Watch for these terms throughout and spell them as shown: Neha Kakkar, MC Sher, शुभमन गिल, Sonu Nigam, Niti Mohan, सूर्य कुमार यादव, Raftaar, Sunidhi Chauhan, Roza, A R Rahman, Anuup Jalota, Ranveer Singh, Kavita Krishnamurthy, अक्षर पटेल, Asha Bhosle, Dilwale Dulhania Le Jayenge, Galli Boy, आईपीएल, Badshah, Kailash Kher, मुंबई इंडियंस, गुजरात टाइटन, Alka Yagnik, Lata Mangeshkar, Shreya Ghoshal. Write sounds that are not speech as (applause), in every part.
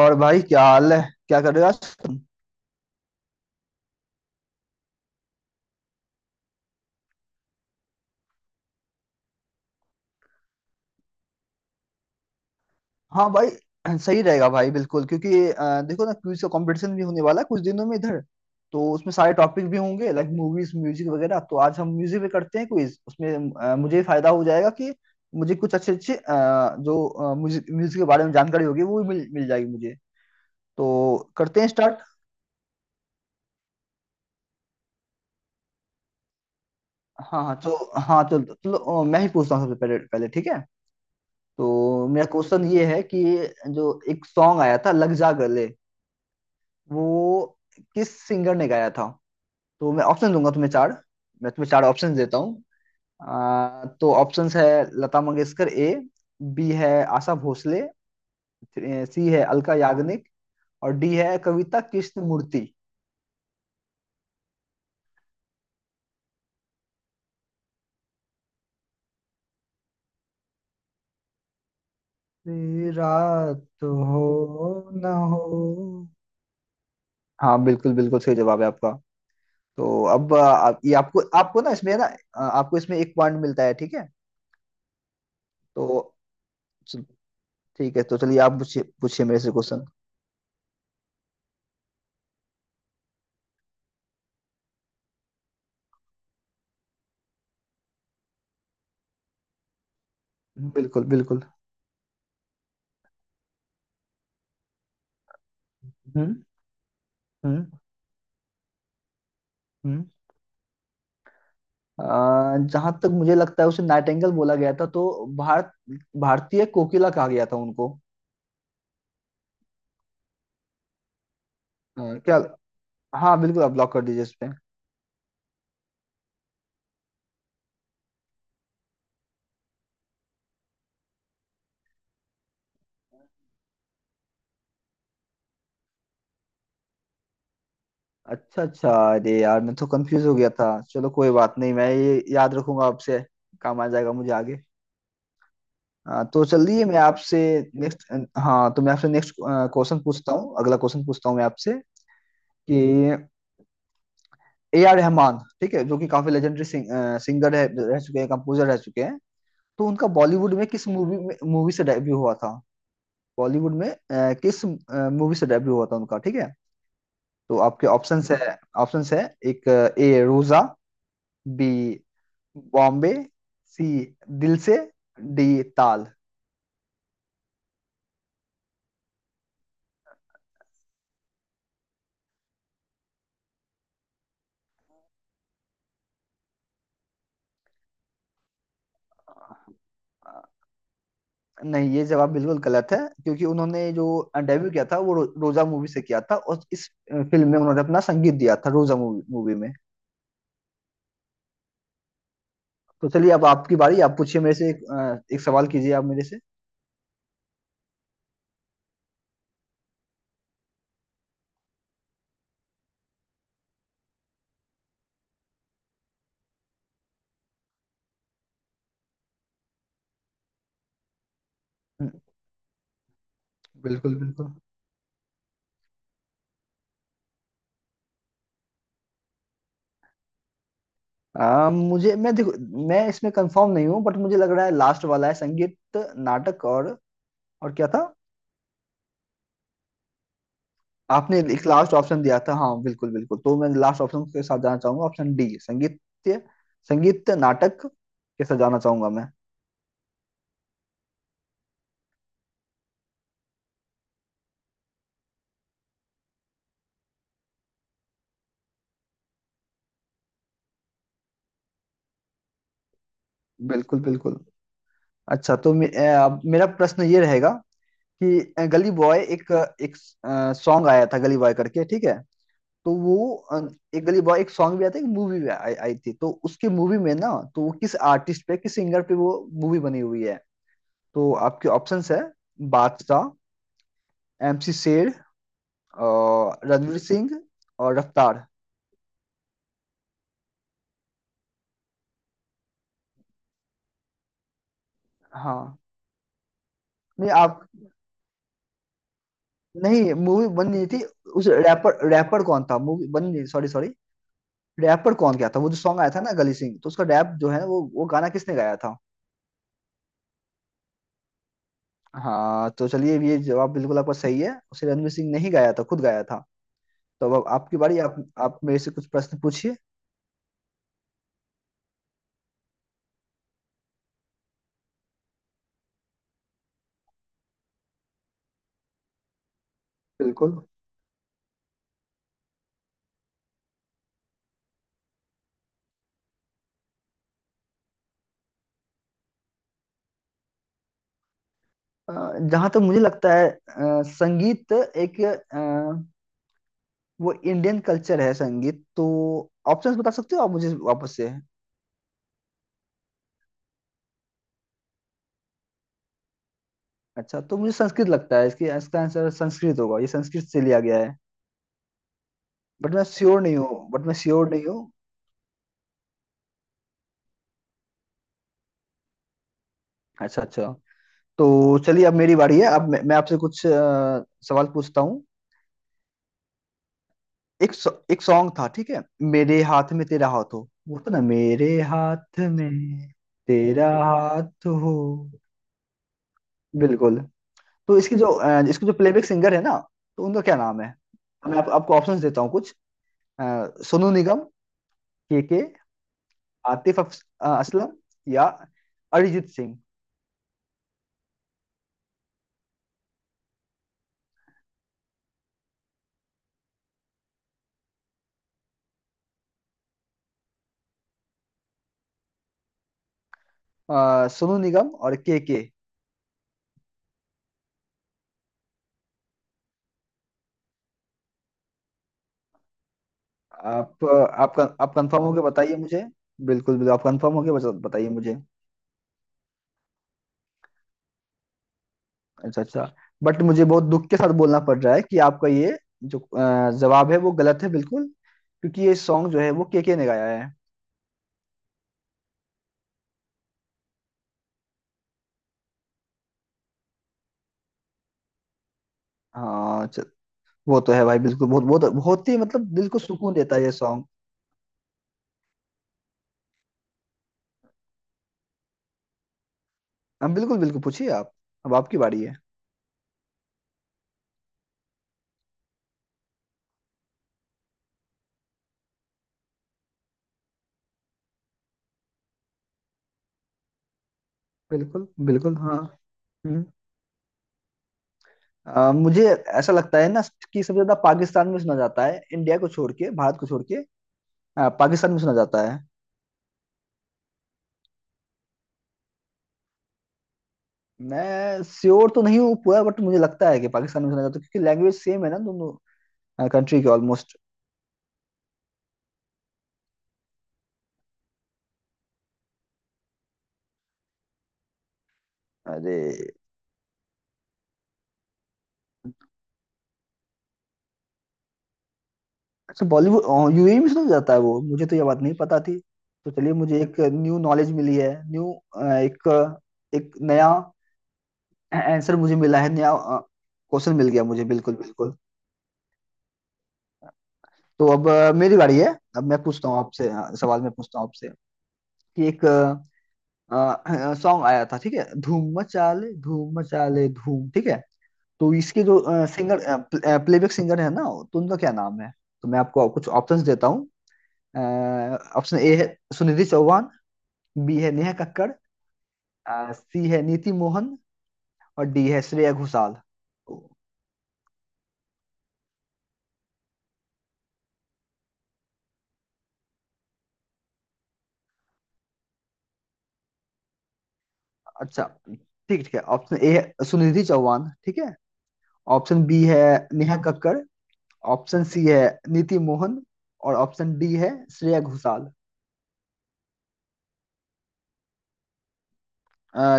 और भाई क्या हाल है। क्या कर रहे हो आज तुम? हाँ भाई, (clears throat) सही रहेगा भाई, बिल्कुल। क्योंकि देखो ना, क्विज का कंपटीशन भी होने वाला है कुछ दिनों में इधर। तो उसमें सारे टॉपिक भी होंगे, लाइक मूवीज, म्यूजिक वगैरह। तो आज हम म्यूजिक पे करते हैं क्विज उसमें। मुझे फायदा हो जाएगा कि मुझे कुछ अच्छे अच्छे जो म्यूजिक म्यूजिक के बारे में जानकारी होगी वो भी मिल मिल जाएगी मुझे। तो करते हैं स्टार्ट। हाँ हाँ तो चलो, मैं ही पूछता हूँ सबसे पहले। पहले ठीक है? तो मेरा क्वेश्चन ये है कि जो एक सॉन्ग आया था लग जा गले, वो किस सिंगर ने गाया था? तो मैं ऑप्शन दूंगा तुम्हें चार। मैं तुम्हें चार ऑप्शन देता हूँ। तो ऑप्शंस है लता मंगेशकर ए। बी है आशा भोसले। सी है अलका याग्निक। और डी है कविता कृष्णमूर्ति। रात हो ना हो। हाँ, बिल्कुल बिल्कुल सही जवाब है आपका। तो अब ये आपको आपको ना इसमें ना आपको इसमें एक पॉइंट मिलता है, ठीक है? तो चल- ठीक है, तो चलिए आप पूछिए, पूछिए मेरे से क्वेश्चन। बिल्कुल बिल्कुल। हम्म हम्म हम्म जहां तक मुझे लगता है उसे नाइटेंगल बोला गया था। तो भारत भारतीय कोकिला कहा गया था उनको। क्या? हाँ बिल्कुल, आप ब्लॉक कर दीजिए इस पे। अच्छा अच्छा। अरे यार, मैं तो कंफ्यूज हो गया था। चलो कोई बात नहीं, मैं ये याद रखूंगा आपसे। काम आ जाएगा मुझे आगे। हाँ तो चलिए मैं आपसे नेक्स्ट हाँ, तो मैं आपसे नेक्स्ट क्वेश्चन पूछता हूँ, अगला क्वेश्चन पूछता हूँ मैं आपसे कि ए आर रहमान, ठीक है, जो कि काफी लेजेंडरी सिंगर है, रह चुके हैं, कंपोजर रह चुके हैं। तो उनका बॉलीवुड में किस मूवी में मूवी से डेब्यू हुआ था? बॉलीवुड में किस मूवी से डेब्यू हुआ था उनका, ठीक है? तो आपके ऑप्शंस है एक A Roja. B Bombay. C Dil Se. D ताल। नहीं, ये जवाब बिल्कुल गलत है। क्योंकि उन्होंने जो डेब्यू किया था वो रोजा मूवी से किया था। और इस फिल्म में उन्होंने अपना संगीत दिया था रोजा मूवी मूवी में। तो चलिए अब आपकी बारी, आप पूछिए मेरे से एक सवाल कीजिए आप मेरे से। हम्म, बिल्कुल बिल्कुल। आ, मुझे मैं देखो, मैं इसमें कंफर्म नहीं हूँ बट मुझे लग रहा है लास्ट वाला है संगीत नाटक और। और क्या था? आपने एक लास्ट ऑप्शन दिया था। हाँ बिल्कुल बिल्कुल, तो मैं लास्ट ऑप्शन के साथ जाना चाहूंगा, ऑप्शन डी संगीत संगीत नाटक के साथ जाना चाहूंगा मैं। बिल्कुल बिल्कुल। अच्छा, तो अब मेरा प्रश्न ये रहेगा कि गली बॉय एक एक सॉन्ग आया था गली बॉय करके, ठीक है? तो वो अ, एक गली बॉय एक सॉन्ग भी आया था, एक मूवी भी आई आई थी। तो उसकी मूवी में ना, तो वो किस आर्टिस्ट पे, किस सिंगर पे वो मूवी बनी हुई है? तो आपके ऑप्शंस है बादशाह, एमसी शेर, और रणवीर सिंह, और रफ्तार। हाँ, नहीं आप नहीं, मूवी बन नहीं थी। उस रैपर रैपर कौन था, मूवी बन नहीं, सॉरी सॉरी, रैपर कौन क्या था वो जो सॉन्ग आया था ना गली सिंह, तो उसका रैप जो है वो, गाना किसने गाया था? हाँ तो चलिए, ये जवाब बिल्कुल आपका सही है, उसे रणवीर सिंह ने ही गाया था, खुद गाया था। तो अब आपकी बारी, आप मेरे से कुछ प्रश्न पूछिए। बिल्कुल। जहां तक मुझे लगता है संगीत एक वो इंडियन कल्चर है संगीत। तो ऑप्शंस बता सकते हो आप मुझे वापस से? अच्छा, तो मुझे संस्कृत लगता है, इसकी इसका आंसर संस्कृत होगा, ये संस्कृत से लिया गया है। बट मैं श्योर नहीं हूँ, अच्छा अच्छा। तो चलिए अब मेरी बारी है, अब मैं आपसे कुछ सवाल पूछता हूँ। एक एक सॉन्ग था, ठीक है, मेरे हाथ में तेरा हाथ हो। वो था ना, मेरे हाथ में तेरा हाथ हो। बिल्कुल। तो इसकी जो प्लेबैक सिंगर है ना, तो उनका क्या नाम है? मैं आपको ऑप्शंस देता हूँ कुछ। अ, सोनू निगम, के, आतिफ असलम, या अरिजीत सिंह। सोनू निगम और के के। आप कंफर्म होके बताइए मुझे। बिल्कुल बिल्कुल, आप कंफर्म होके बताइए मुझे। अच्छा अच्छा। बट मुझे बहुत दुख के साथ बोलना पड़ रहा है कि आपका ये जो जवाब है वो गलत है बिल्कुल। क्योंकि ये सॉन्ग जो है वो केके ने गाया है। हाँ च- वो तो है भाई, बिल्कुल। बहुत बहुत बहुत ही मतलब दिल को सुकून देता है ये सॉन्ग। हाँ बिल्कुल बिल्कुल, पूछिए आप, अब आपकी बारी है। बिल्कुल बिल्कुल। हाँ। हम्म, मुझे ऐसा लगता है ना कि सबसे ज्यादा पाकिस्तान में सुना जाता है, इंडिया को छोड़ के, भारत को छोड़ के। पाकिस्तान में सुना जाता है। मैं श्योर तो नहीं हूँ पूरा, बट मुझे लगता है कि पाकिस्तान में सुना जाता है क्योंकि लैंग्वेज सेम है ना दोनों कंट्री के ऑलमोस्ट। अरे, अच्छा, बॉलीवुड यूएई में सुना जाता है, वो मुझे तो ये बात नहीं पता थी। तो चलिए मुझे एक न्यू नॉलेज मिली है, न्यू एक एक नया आंसर मुझे मिला है, नया क्वेश्चन मिल गया मुझे, बिल्कुल बिल्कुल। तो अब मेरी बारी है, अब मैं पूछता हूँ आपसे सवाल, मैं पूछता हूँ आपसे कि एक सॉन्ग आया था, ठीक है, धूम मचा ले, धूम मचा ले धूम, ठीक है? तो इसके जो सिंगर प्लेबैक सिंगर है ना, तो उनका क्या नाम है? तो मैं आपको कुछ ऑप्शंस देता हूँ। ऑप्शन ए है सुनिधि चौहान। बी है नेहा कक्कड़। सी है नीति मोहन। और डी है श्रेया घोषाल। ओ, अच्छा, ठीक ठीक है, ऑप्शन ए है सुनिधि चौहान, ठीक है। ऑप्शन बी है नेहा कक्कड़। ऑप्शन सी है नीति मोहन। और ऑप्शन डी है श्रेया घोषाल।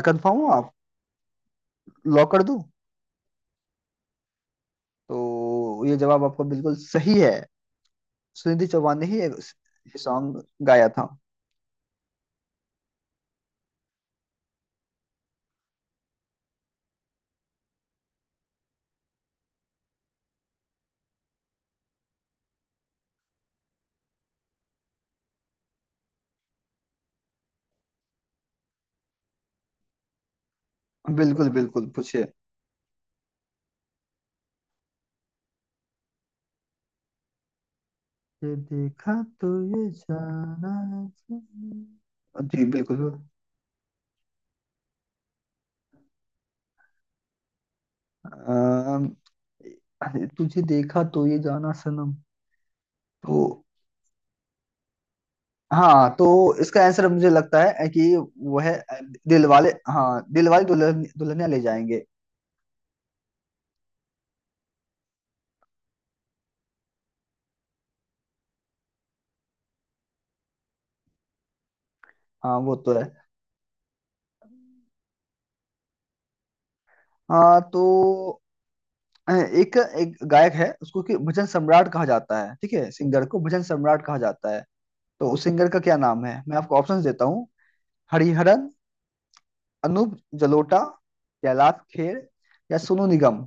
कंफर्म हो आप? लॉक कर दूं? तो ये जवाब आपका बिल्कुल सही है, सुनिधि चौहान ने ही ये सॉन्ग गाया था। बिल्कुल बिल्कुल, पूछिए। ये देखा तो ये जाना चाहिए जी, बिल्कुल। अम, तुझे देखा तो ये जाना सनम। तो हाँ, तो इसका आंसर मुझे लगता है कि वो है दिल वाले, हाँ, दिल वाले दुल्हनिया ले जाएंगे। हाँ वो तो है। हाँ तो एक एक गायक है उसको कि भजन सम्राट कहा जाता है, ठीक है, सिंगर को भजन सम्राट कहा जाता है। तो उस सिंगर का क्या नाम है? मैं आपको ऑप्शंस देता हूँ। हरिहरन, अनूप जलोटा, कैलाश खेर, या सोनू निगम।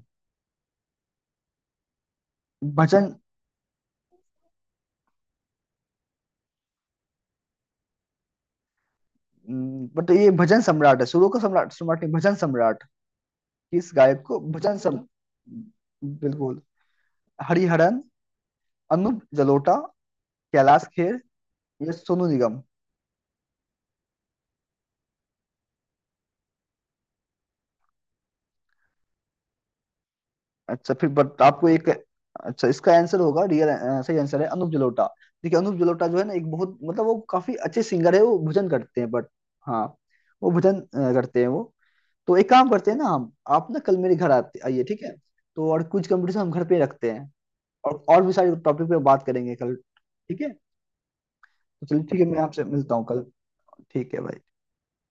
भजन बट ये भजन सम्राट है, सुरों का सम्राट, सम्राट नहीं, भजन सम्राट। किस गायक को भजन सम? बिल्कुल। हरिहरन, अनूप जलोटा, कैलाश खेर, या सोनू निगम। अच्छा, फिर बट आपको एक अच्छा इसका आंसर होगा, रियल सही आंसर है अनूप जलोटा। देखिए अनूप जलोटा जो है ना, एक बहुत मतलब, वो काफी अच्छे सिंगर है, वो भजन करते हैं बट, हाँ, वो भजन करते हैं वो। तो एक काम करते हैं ना, हम आप ना कल मेरे घर आते आइए, ठीक है? तो और कुछ कंपटीशन हम घर पे रखते हैं। और भी सारे टॉपिक पे बात करेंगे कल, ठीक है? तो चलिए ठीक है, मैं आपसे मिलता हूँ कल। ठीक है भाई।